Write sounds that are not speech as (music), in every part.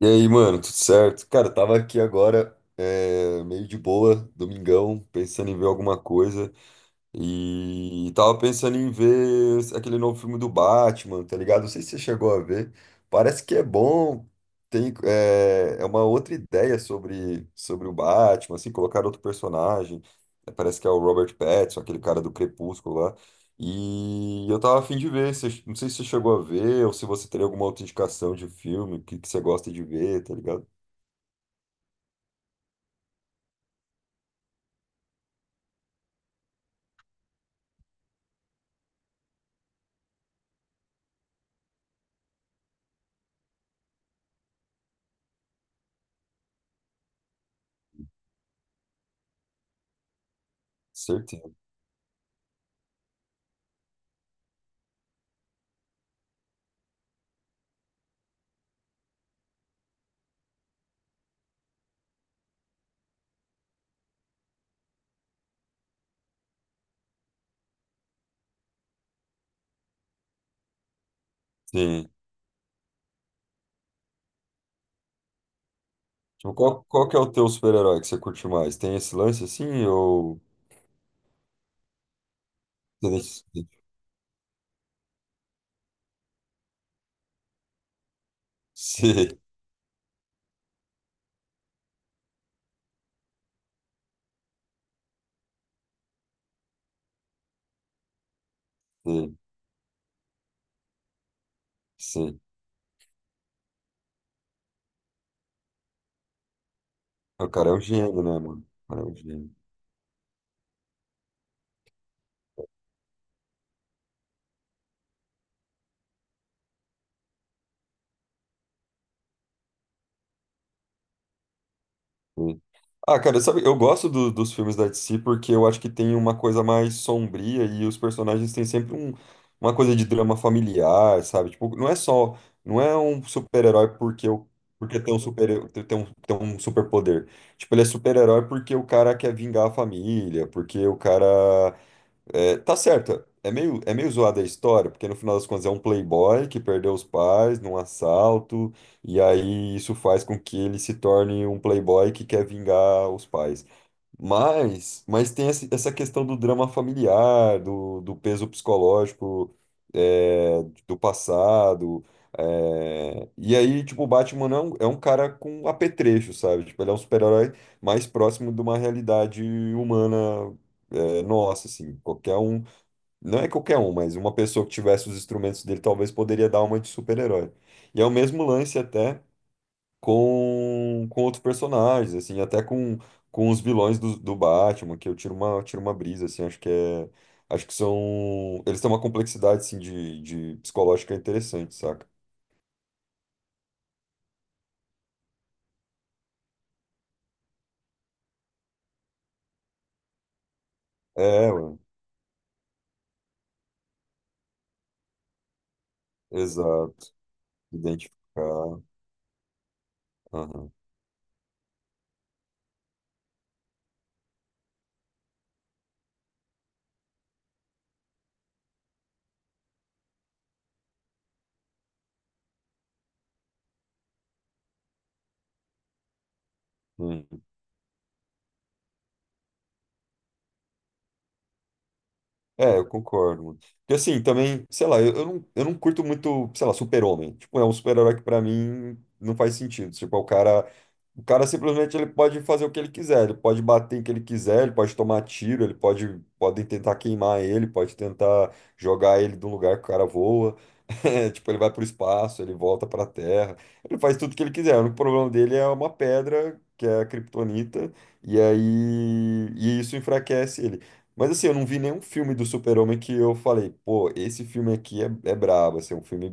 E aí, mano, tudo certo? Cara, eu tava aqui agora, meio de boa, domingão, pensando em ver alguma coisa. E tava pensando em ver aquele novo filme do Batman, tá ligado? Não sei se você chegou a ver. Parece que é bom. Tem, é uma outra ideia sobre o Batman, assim, colocar outro personagem. É, parece que é o Robert Pattinson, aquele cara do Crepúsculo lá. E eu tava a fim de ver. Não sei se você chegou a ver ou se você teria alguma outra indicação de filme, o que você gosta de ver, tá ligado? Certeza. Sim. Tipo, qual que é o teu super-herói que você curte mais? Tem esse lance assim ou. (laughs) Interessante. Sim, sim, sim. O cara é um gênio, né, mano? O cara é um gênio. Sim. Ah, cara, sabe, eu gosto dos filmes da DC porque eu acho que tem uma coisa mais sombria e os personagens têm sempre um, uma coisa de drama familiar, sabe? Tipo, não é um super-herói porque o porque tem um super tem um superpoder. Tipo, ele é super-herói porque o cara quer vingar a família, porque o cara é, tá certo. É meio zoada a história, porque no final das contas é um playboy que perdeu os pais num assalto, e aí isso faz com que ele se torne um playboy que quer vingar os pais. Mas tem essa questão do drama familiar, do peso psicológico, é, do passado. É, e aí, tipo, o Batman é um cara com apetrecho, sabe? Tipo, ele é um super-herói mais próximo de uma realidade humana, é, nossa, assim. Qualquer um, não é qualquer um, mas uma pessoa que tivesse os instrumentos dele talvez poderia dar uma de super-herói. E é o mesmo lance até com outros personagens, assim, até com os vilões do Batman, que tiro uma brisa, assim, acho que é. Acho que são. Eles têm uma complexidade, assim, de psicológica interessante, saca? É, mano. Exato. Identificar. Aham. Hum. É, eu concordo, mano. Porque assim, também, sei lá, eu não curto muito, sei lá, super-homem. Tipo, é um super-herói que pra mim não faz sentido. Tipo, é o cara. O cara simplesmente ele pode fazer o que ele quiser, ele pode bater em que ele quiser, ele pode tomar tiro, ele pode podem tentar queimar ele, pode tentar jogar ele de um lugar que o cara voa. (laughs) É, tipo, ele vai pro espaço, ele volta pra Terra. Ele faz tudo o que ele quiser. O único problema dele é uma pedra, que é a kryptonita, e aí e isso enfraquece ele. Mas assim, eu não vi nenhum filme do Super-Homem que eu falei, pô, esse filme aqui é brabo, assim, é um filme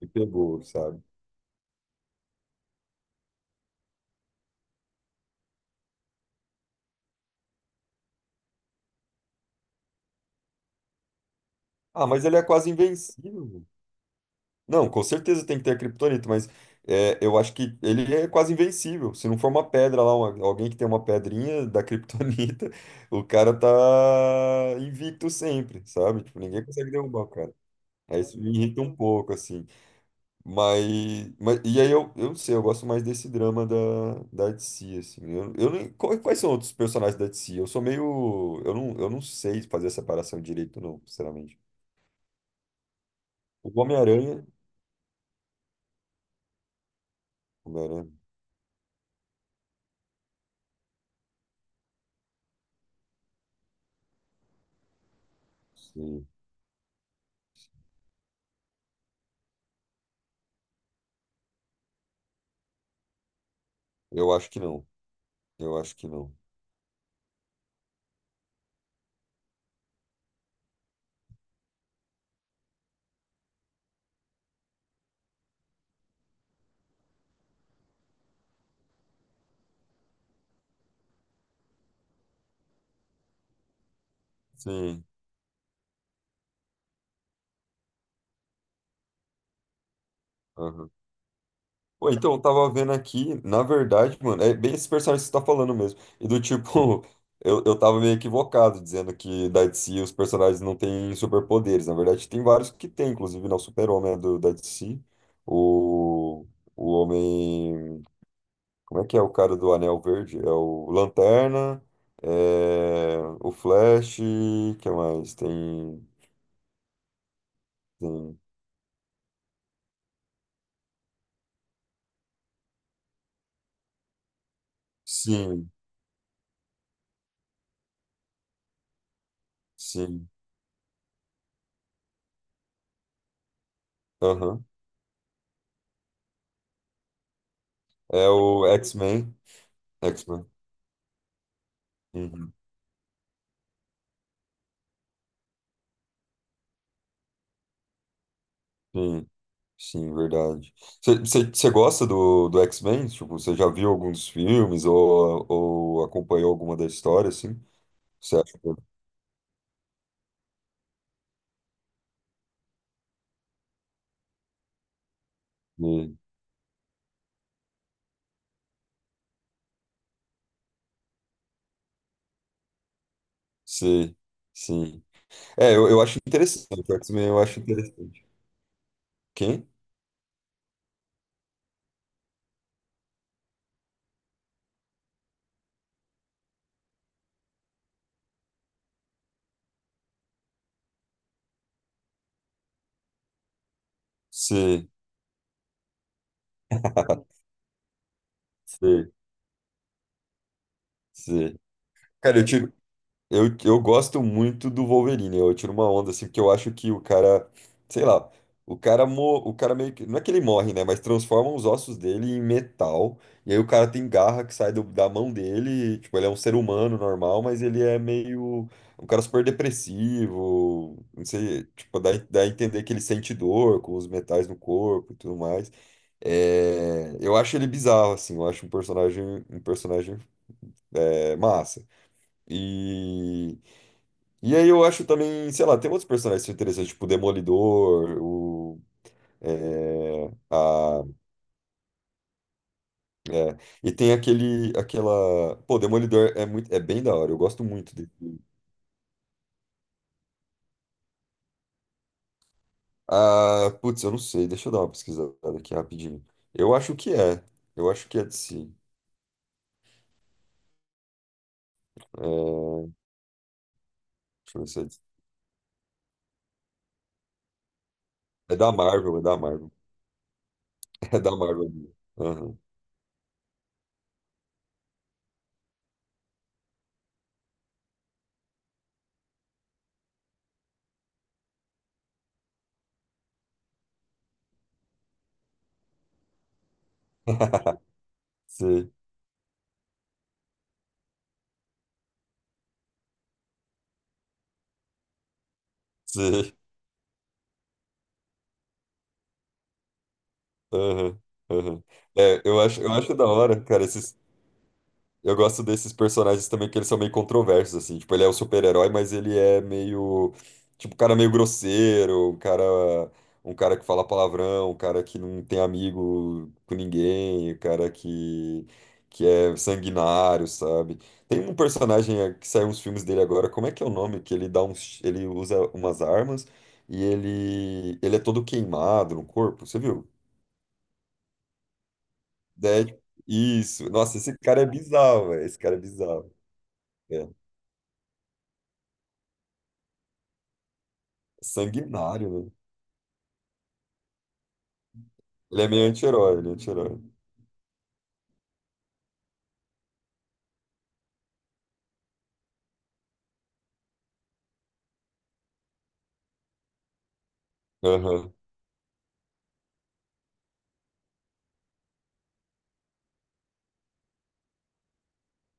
que me pegou, sabe? Ah, mas ele é quase invencível. Não, com certeza tem que ter a criptonita, mas é, eu acho que ele é quase invencível. Se não for uma pedra lá, alguém que tem uma pedrinha da criptonita, (laughs) o cara tá invicto sempre, sabe? Tipo, ninguém consegue derrubar o cara. Aí isso me irrita um pouco, assim. Mas e aí eu não sei, eu gosto mais desse drama da DC, assim. Eu nem, qu- quais são outros personagens da DC? Eu sou meio. Eu não sei fazer a separação direito, não, sinceramente. O Homem-Aranha. Homem-Aranha, sim. Eu acho que não. Eu acho que não. Sim. Aham. Pô, então, eu tava vendo aqui, na verdade, mano, é bem esse personagem que você tá falando mesmo. E do tipo, (laughs) eu tava meio equivocado dizendo que da DC os personagens não têm superpoderes. Na verdade, tem vários que tem, inclusive, não, o Super-Homem é do, da DC. O, o Homem. Como é que é o cara do Anel Verde? É o Lanterna, é, o Flash, que mais? Tem. Tem... Sim, sim. Aham. É o X-Men. X-Men. Uhum. Sim, sim, verdade. Você gosta do X-Men? Tipo, você já viu algum dos filmes ou acompanhou alguma da história, assim? Você acha Sim, sim. É, eu acho interessante. O X-Men eu acho interessante. Quem? Sim, sim, sim. Cara, eu tive eu gosto muito do Wolverine, eu tiro uma onda, assim, porque eu acho que o cara, sei lá, o cara meio que, não é que ele morre, né, mas transforma os ossos dele em metal, e aí o cara tem garra que sai da mão dele, e, tipo, ele é um ser humano normal, mas ele é meio, um cara super depressivo, não sei, tipo, dá a entender que ele sente dor com os metais no corpo e tudo mais. É, eu acho ele bizarro, assim, eu acho um personagem, é, massa. E e aí eu acho também, sei lá, tem outros personagens interessantes, tipo o Demolidor, o. É, a, é, e tem aquele, aquela. Pô, o Demolidor é bem da hora, eu gosto muito dele. Ah, putz, eu não sei, deixa eu dar uma pesquisada aqui rapidinho. Eu acho que é, eu acho que é de si. É, deixa eu ver se é, de- si. É da Marvel, (laughs) é da Marvel. Aham. (laughs) Sim, sim. Aham, aham. Eu acho da hora, cara, esses. Eu gosto desses personagens também que eles são meio controversos, assim. Tipo, ele é o super-herói, mas ele é meio. Tipo, um cara meio grosseiro, um cara. Um cara que fala palavrão, um cara que não tem amigo com ninguém, um cara que. Que é sanguinário, sabe? Tem um personagem que saiu uns filmes dele agora, como é que é o nome? Que ele dá uns. Ele usa umas armas e ele. Ele é todo queimado no corpo, você viu? Dead. Isso. Nossa, esse cara é bizarro, velho. Esse cara é bizarro. É. Sanguinário, né? Ele é meio anti-herói, ele é anti-herói. Aham,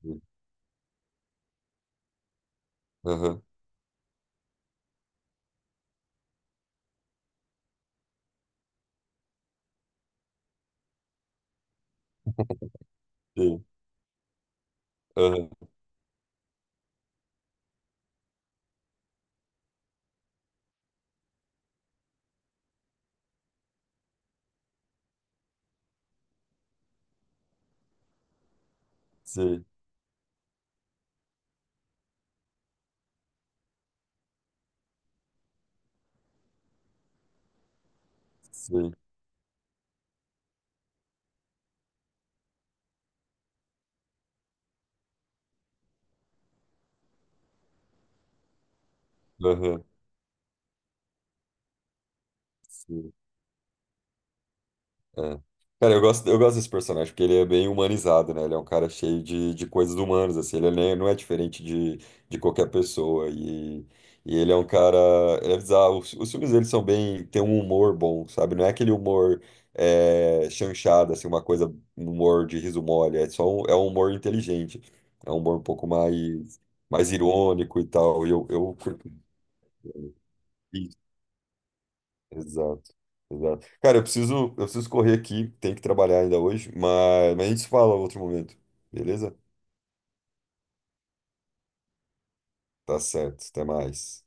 sim. Aham, sim. Aham, sim. Sim. Aham, sim. É. Cara, eu gosto desse personagem, porque ele é bem humanizado, né? Ele é um cara cheio de coisas humanas, assim. Ele nem- não é diferente de qualquer pessoa. E ele é um cara... Ele é bizarro. Os filmes dele são bem... Tem um humor bom, sabe? Não é aquele humor é, chanchado, assim, uma coisa... Um humor de riso mole. É um humor inteligente. É um humor um pouco mais, mais irônico e tal. E eu curto. Exato, exato. Cara, eu preciso correr aqui, tenho que trabalhar ainda hoje, mas a gente se fala outro momento, beleza? Tá certo, até mais.